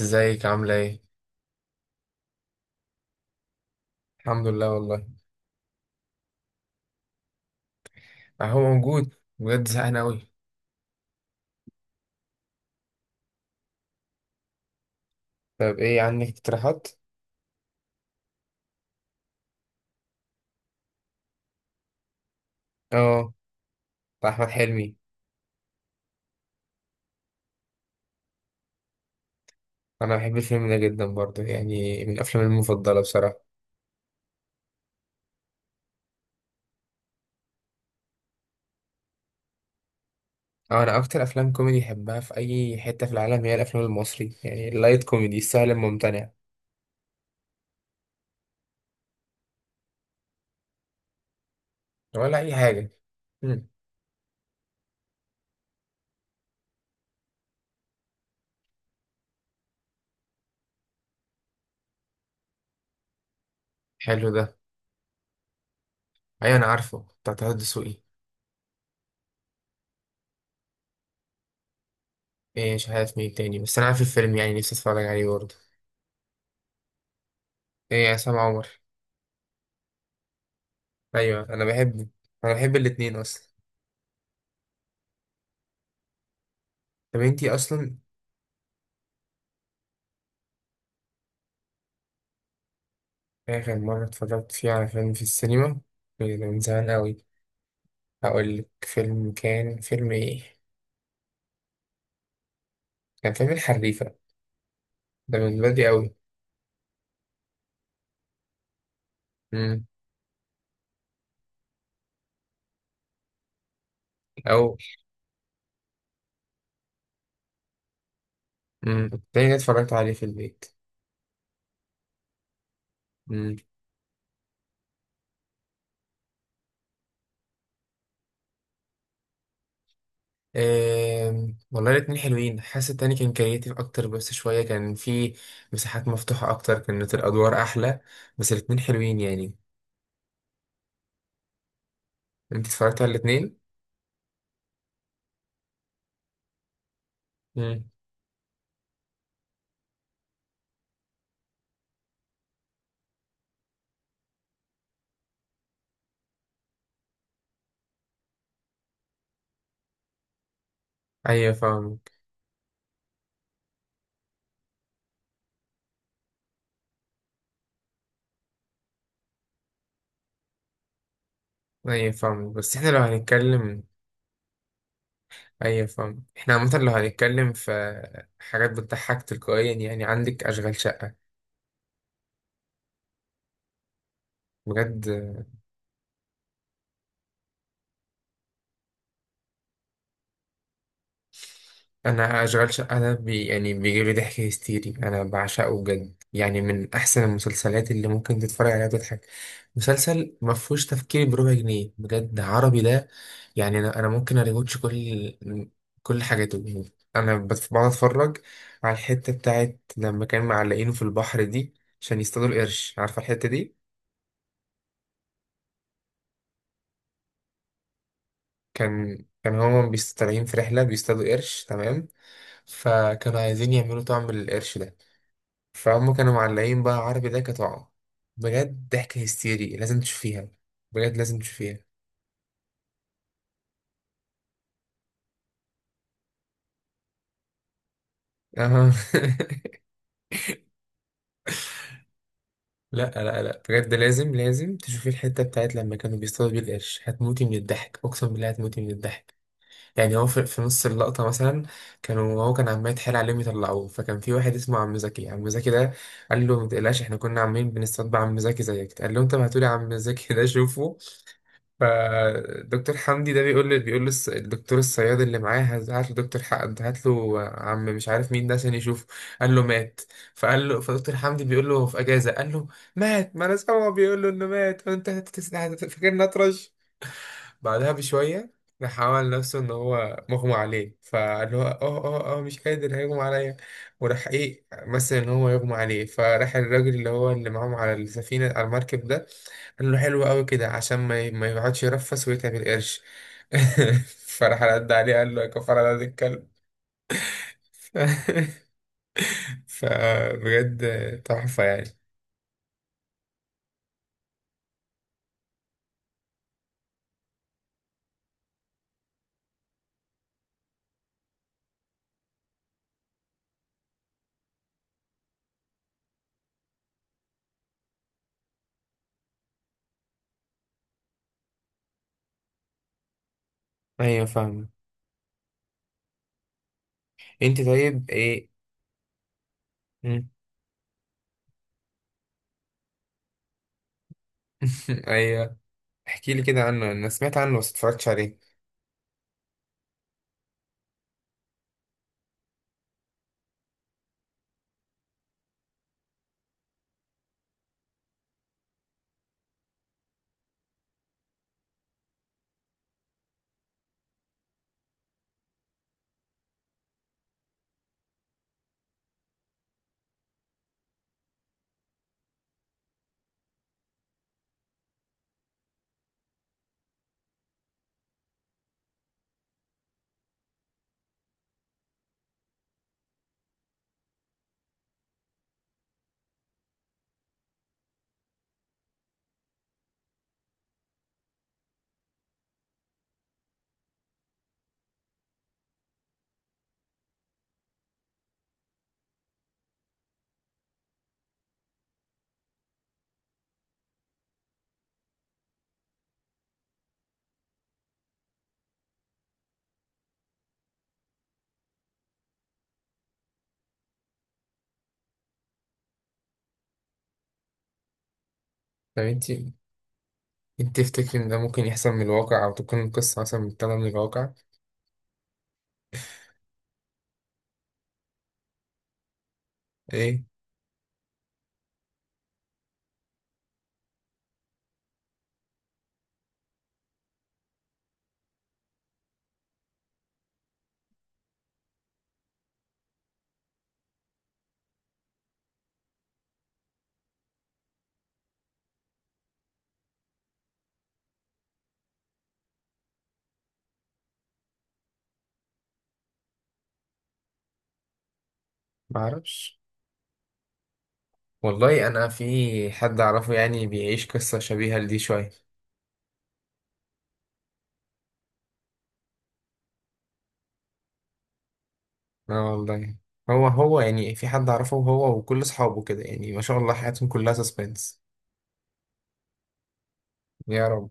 ازيك عاملة ايه؟ الحمد لله والله. اهو موجود بجد زهقان اوي. طب ايه عندك اقتراحات؟ اه. بتاع احمد حلمي. انا بحب الفيلم ده جدا برضه، يعني من افلامي المفضلة بصراحة. اه، انا اكتر افلام كوميدي بحبها في اي حتة في العالم هي الافلام المصري، يعني اللايت كوميدي السهل الممتنع. ولا اي حاجة. مم. حلو ده. ايوه، انا عارفه، بتاع طه دسوقي. ايه، مش عارف مين تاني، بس انا عارف الفيلم يعني، نفسي اتفرج عليه برضه. ايه، عصام عمر. ايوه، انا بحبه. انا بحب الاتنين اصلا. طب انتي اصلا. آخر مرة اتفرجت فيه على فيلم في السينما من زمان أوي. هقولك فيلم كان فيلم إيه؟ كان فيلم الحريفة. ده من بدري أوي. مم. أو. مم. التاني ده اتفرجت عليه في البيت. مم. والله الاتنين حلوين، حاسس التاني كان كرياتيف أكتر، بس شوية كان فيه مساحات مفتوحة أكتر، كانت الأدوار أحلى. بس الاتنين حلوين يعني. أنت اتفرجت على الاتنين؟ مم. أيوة فاهمك. أيوة فاهمك، بس إحنا لو هنتكلم. ايوه فاهم، احنا عامة لو هنتكلم في حاجات بتضحك تلقائيا، يعني عندك اشغال شقة. بجد. انا اشغال شقة ده يعني بيجيب لي ضحك هستيري، انا بعشقه بجد، يعني من احسن المسلسلات اللي ممكن تتفرج عليها وتضحك. مسلسل ما فيهوش تفكير بربع جنيه، بجد عربي ده. يعني انا ممكن اريوتش كل حاجاته، يعني بقعد اتفرج على الحتة بتاعت لما كان معلقينه في البحر دي، عشان يصطادوا القرش. عارفة الحتة دي؟ كان هما بيستطلعين في رحلة بيصطادوا قرش، تمام. فكانوا عايزين يعملوا طعم للقرش ده، فهم كانوا معلقين بقى عربي ده كطعم. بجد ضحكة هستيري، لازم تشوفيها. بجد لازم تشوفيها. اه. لا لا لا، بجد لازم لازم تشوفي الحتة بتاعت لما كانوا بيصطادوا بيه القرش. هتموتي من الضحك، اقسم بالله هتموتي من الضحك. يعني هو في نص اللقطة مثلا، هو كان عمال يتحايل عليهم يطلعوه، فكان في واحد اسمه عم زكي. عم زكي ده قال له ما تقلقش، احنا كنا عاملين بنستطبع عم زكي زيك. قال له انت بعتولي عم زكي ده شوفه، فدكتور حمدي ده بيقول له الدكتور الصياد اللي معاه: هات، هات له دكتور حق، هات له عم مش عارف مين ده عشان يشوفه. قال له مات. فقال له، فدكتور حمدي بيقول له هو في اجازة، قال له مات. ما انا سامعه بيقول له انه مات، وانت فاكرني اطرش؟ بعدها بشوية راح عمل نفسه إن هو مغمى عليه، فقال له اه اه اه مش قادر، هيغمى عليا. وراح إيه مثل إن هو يغمى عليه، فراح الراجل اللي هو اللي معاهم على السفينة، على المركب ده، قال له حلو قوي كده عشان ما يقعدش يرفس ويتعب القرش. فراح رد عليه قال له: يا كفر على هذا الكلب. فبجد تحفة يعني. أيوة فاهمة. أنت طيب إيه. مم. أيوة. احكي لي كده عنه، أنا سمعت عنه بس اتفرجتش عليه. طب أنت، تفتكر ان ده ممكن يحصل من الواقع، او تكون القصة مثلا متاخدة من الواقع؟ ايه معرفش. والله انا في حد اعرفه يعني بيعيش قصة شبيهة لدي شوية. اه والله. هو يعني في حد اعرفه، هو وكل اصحابه كده، يعني ما شاء الله حياتهم كلها سسبنس. يا رب.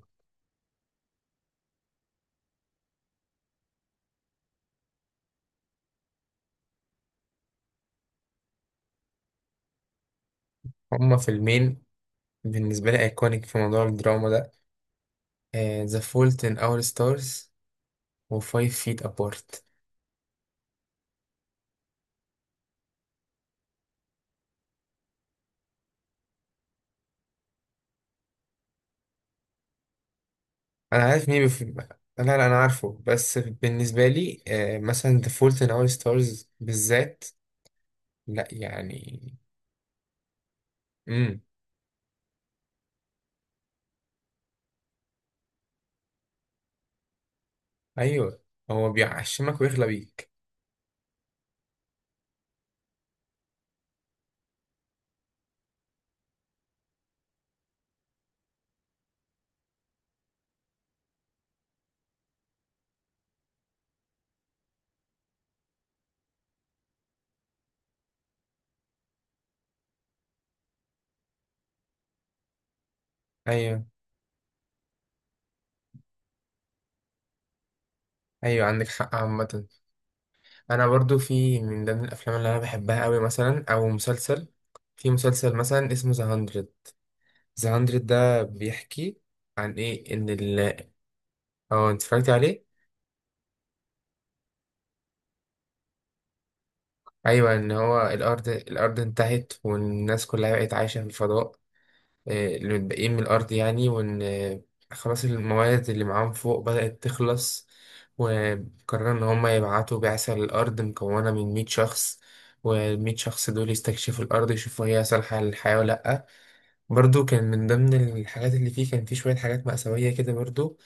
هما فيلمين بالنسبة لي ايكونيك في موضوع الدراما ده: ذا فولت ان اور ستارز، و 5 فيت ابارت. انا عارف مين لا لا، انا عارفه، بس بالنسبه لي مثلا The Fault in Our Stars بالذات، لا يعني. امم. ايوه. هو بيعشمك ويغلى بيك. ايوه، ايوه، عندك حق عامه. انا برضو في من ضمن الافلام اللي انا بحبها قوي مثلا، او مسلسل. في مسلسل مثلا اسمه ذا 100. ذا 100 ده بيحكي عن ايه؟ ان ال اه، انت اتفرجت عليه. ايوه، ان هو الارض انتهت، والناس كلها بقت عايشه في الفضاء، اللي متبقيين من الأرض يعني. وإن خلاص الموارد اللي معاهم فوق بدأت تخلص، وقرروا إن هما يبعتوا بعثة للأرض مكونة من 100 شخص. والمية شخص دول يستكشفوا الأرض، يشوفوا هي صالحة للحياة ولا لأ. برضو كان من ضمن الحاجات اللي فيه، كان فيه شوية حاجات مأساوية كده برضو.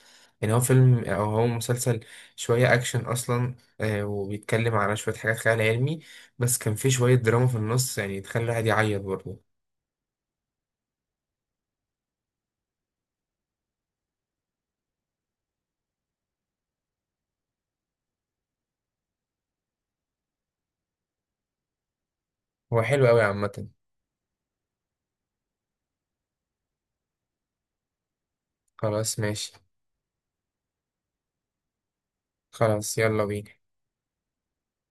يعني هو فيلم، أو هو مسلسل شوية أكشن أصلا، وبيتكلم على شوية حاجات خيال علمي، بس كان فيه شوية دراما في النص يعني تخلي الواحد يعيط برضه. هو حلو أوي عامة. خلاص ماشي. خلاص يلا بينا.